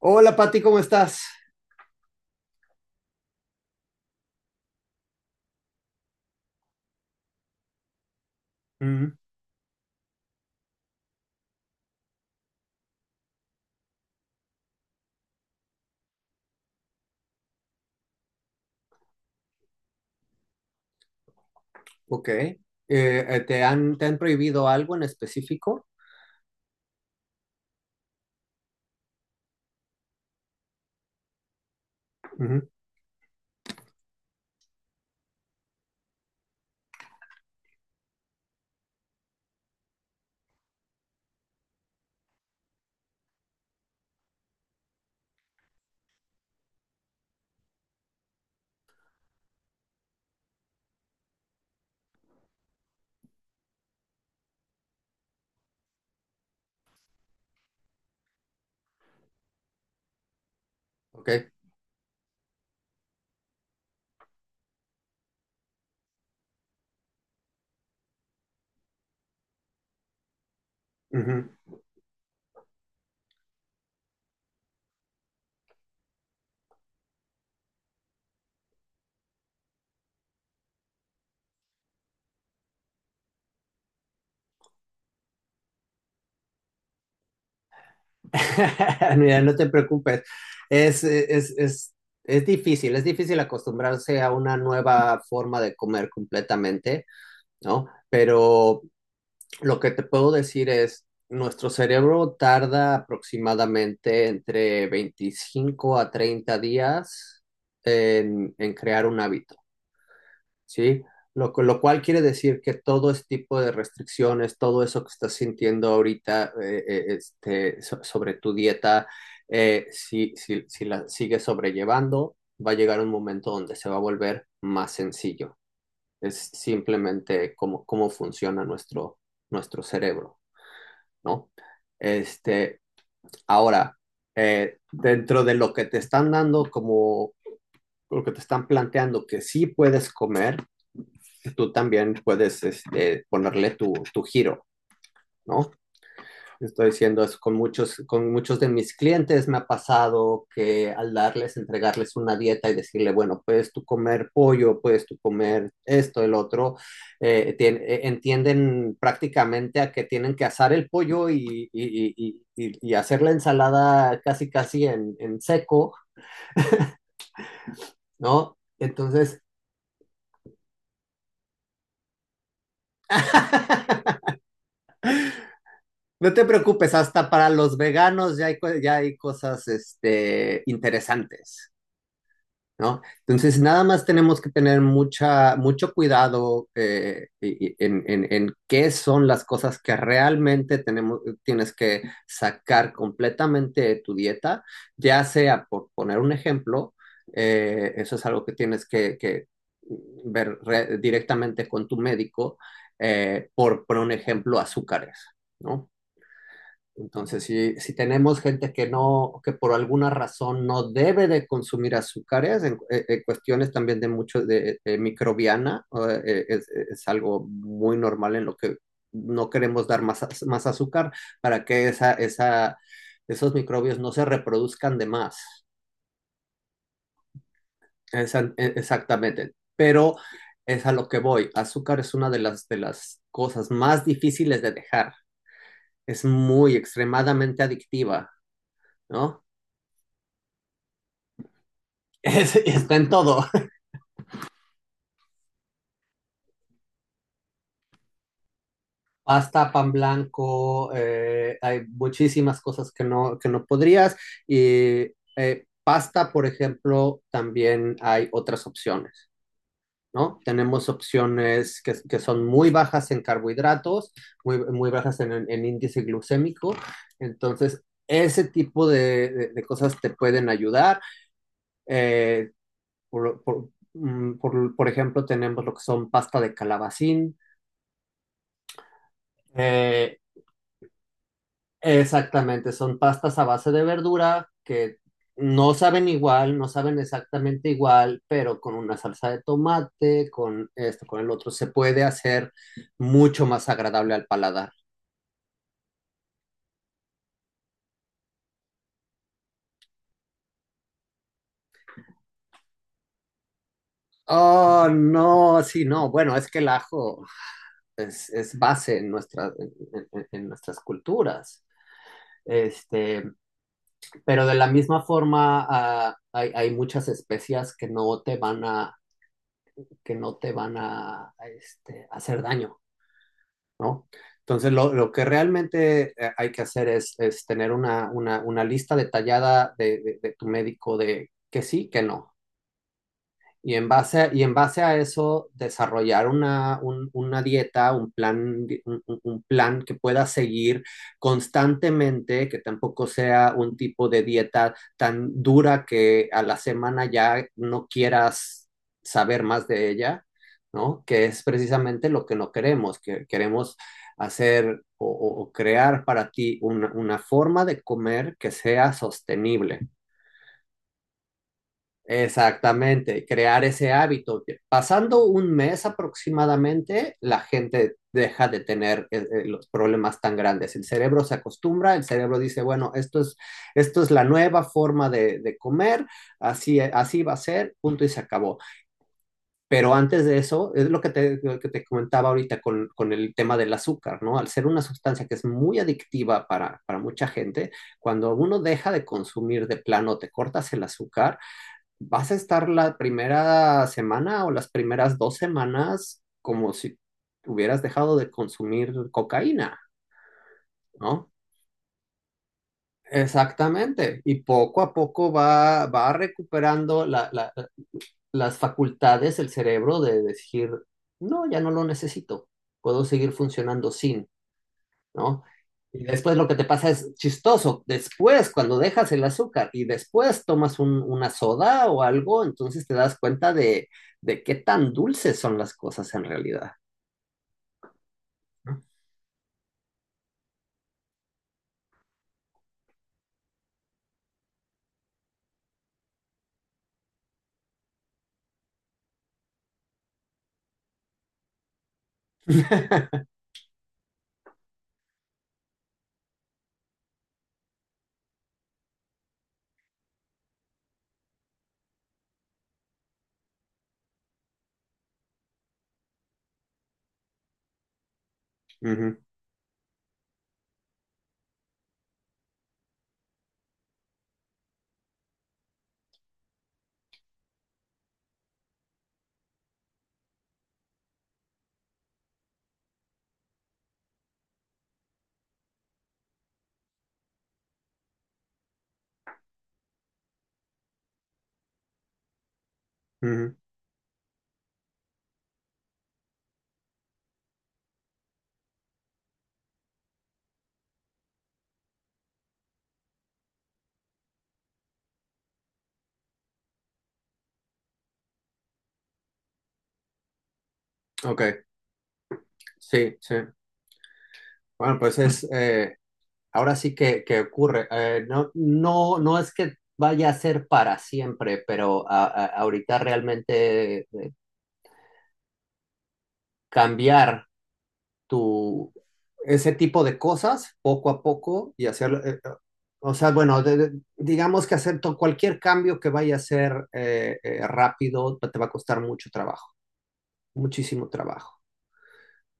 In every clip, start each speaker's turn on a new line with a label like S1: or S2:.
S1: Hola, Pati, ¿cómo estás? Ujú. Ok. ¿Te han prohibido algo en específico? Ujú. Ok. Ujú. Mira, no te preocupes. Es, es, es, es difícil, es difícil acostumbrarse a una nueva forma de comer completamente, ¿no? Pero lo que te puedo decir es, nuestro cerebro tarda aproximadamente entre 25 a 30 días en crear un hábito. Sí, lo cual quiere decir que todo este tipo de restricciones, todo eso que estás sintiendo ahorita sobre tu dieta, si la sigues sobrellevando, va a llegar un momento donde se va a volver más sencillo. Es simplemente cómo funciona nuestro cerebro, ¿no? Este, ahora, dentro de lo que te están dando como lo que te están planteando que sí puedes comer, tú también puedes este, ponerle tu giro, ¿no? Estoy diciendo eso con con muchos de mis clientes me ha pasado que al darles, entregarles una dieta y decirle, bueno, puedes tú comer pollo, puedes tú comer esto, el otro, entienden prácticamente a que tienen que asar el pollo y hacer la ensalada casi en seco, ¿no? Entonces... No te preocupes, hasta para los veganos ya ya hay cosas este, interesantes, ¿no? Entonces, nada más tenemos que tener mucha, mucho cuidado en qué son las cosas que realmente tenemos, tienes que sacar completamente de tu dieta, ya sea, por poner un ejemplo, eso es algo que que directamente con tu médico, por un ejemplo, azúcares, ¿no? Entonces, si tenemos gente que no, que por alguna razón no debe de consumir azúcares, cuestiones también de de microbiana, es algo muy normal en lo que no queremos dar más, más azúcar para que esos microbios no se reproduzcan de más. Exactamente. Pero es a lo que voy. Azúcar es una de de las cosas más difíciles de dejar. Es muy extremadamente adictiva, ¿no? Está en todo. Pasta, pan blanco, hay muchísimas cosas que que no podrías. Y pasta, por ejemplo, también hay otras opciones, ¿no? Tenemos opciones que son muy bajas en carbohidratos, muy bajas en, en índice glucémico. Entonces, ese tipo de, de cosas te pueden ayudar. Eh, por ejemplo, tenemos lo que son pasta de calabacín. Eh, Exactamente, son pastas a base de verdura que no saben igual, no saben exactamente igual, pero con una salsa de tomate, con esto, con el otro, se puede hacer mucho más agradable al paladar. Oh, no, sí, no. Bueno, es que el ajo es base en nuestras culturas. Este, pero de la misma forma, ah, hay muchas especias que no que no te van a, este, hacer daño. ¿No? Entonces, lo que realmente hay que hacer es tener una lista detallada de, de tu médico de que sí, que no. Y y en base a eso, desarrollar una dieta, un plan, di- un plan que pueda seguir constantemente, que tampoco sea un tipo de dieta tan dura que a la semana ya no quieras saber más de ella, ¿no? Que es precisamente lo que no queremos, que queremos hacer o crear para ti una forma de comer que sea sostenible. Exactamente, crear ese hábito. Pasando un mes aproximadamente, la gente deja de tener los problemas tan grandes. El cerebro se acostumbra, el cerebro dice, bueno, esto es la nueva forma de comer, así va a ser, punto y se acabó. Pero antes de eso, es lo que te comentaba ahorita con el tema del azúcar, ¿no? Al ser una sustancia que es muy adictiva para mucha gente, cuando uno deja de consumir de plano, te cortas el azúcar, vas a estar la primera semana o las primeras dos semanas como si hubieras dejado de consumir cocaína, ¿no? Exactamente. Y poco a poco va recuperando las facultades, el cerebro de decir, no, ya no lo necesito, puedo seguir funcionando sin. ¿No? Y después lo que te pasa es chistoso. Después, cuando dejas el azúcar y después tomas una soda o algo, entonces te das cuenta de qué tan dulces son las cosas en realidad. ¿No? Ujú, ujú. Ok, sí, sí. Bueno, pues es, ahora sí que ocurre. No es que vaya a ser para siempre, pero ahorita realmente cambiar tu, ese tipo de cosas poco a poco y hacer, o sea, bueno, digamos que hacer cualquier cambio que vaya a ser rápido te va a costar mucho trabajo, muchísimo trabajo,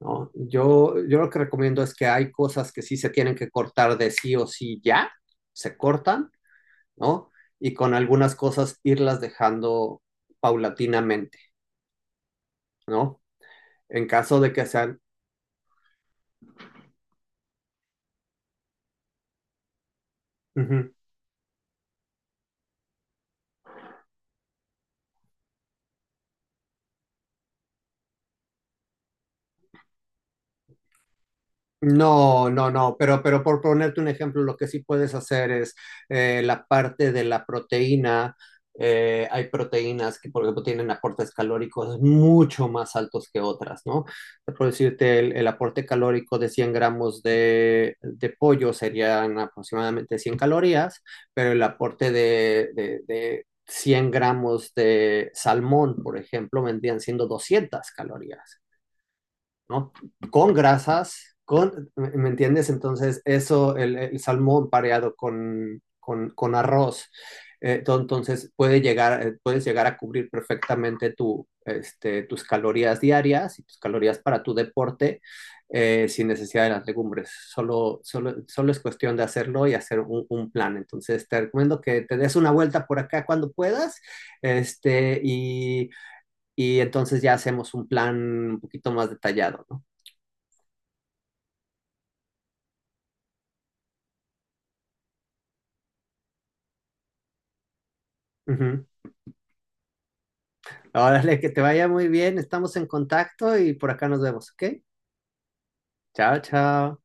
S1: ¿no? Yo lo que recomiendo es que hay cosas que sí se tienen que cortar de sí o sí ya, se cortan, ¿no? Y con algunas cosas irlas dejando paulatinamente, ¿no? En caso de que sean... Ujú. No, no, no, pero por ponerte un ejemplo, lo que sí puedes hacer es la parte de la proteína. Hay proteínas que, por ejemplo, tienen aportes calóricos mucho más altos que otras, ¿no? Por decirte, el aporte calórico de 100 gramos de pollo serían aproximadamente 100 calorías, pero el aporte de 100 gramos de salmón, por ejemplo, vendrían siendo 200 calorías. ¿No? Con grasas, con, ¿me entiendes? Entonces, eso, el salmón pareado con arroz, entonces puede llegar, puedes llegar a cubrir perfectamente tu, este, tus calorías diarias y tus calorías para tu deporte sin necesidad de las legumbres. Solo es cuestión de hacerlo y hacer un, plan. Entonces te recomiendo que te des una vuelta por acá cuando puedas este, y entonces ya hacemos un plan un poquito más detallado. ¿No? Ujú. Órale, que te vaya muy bien. Estamos en contacto y por acá nos vemos, ¿ok? Chao, chao.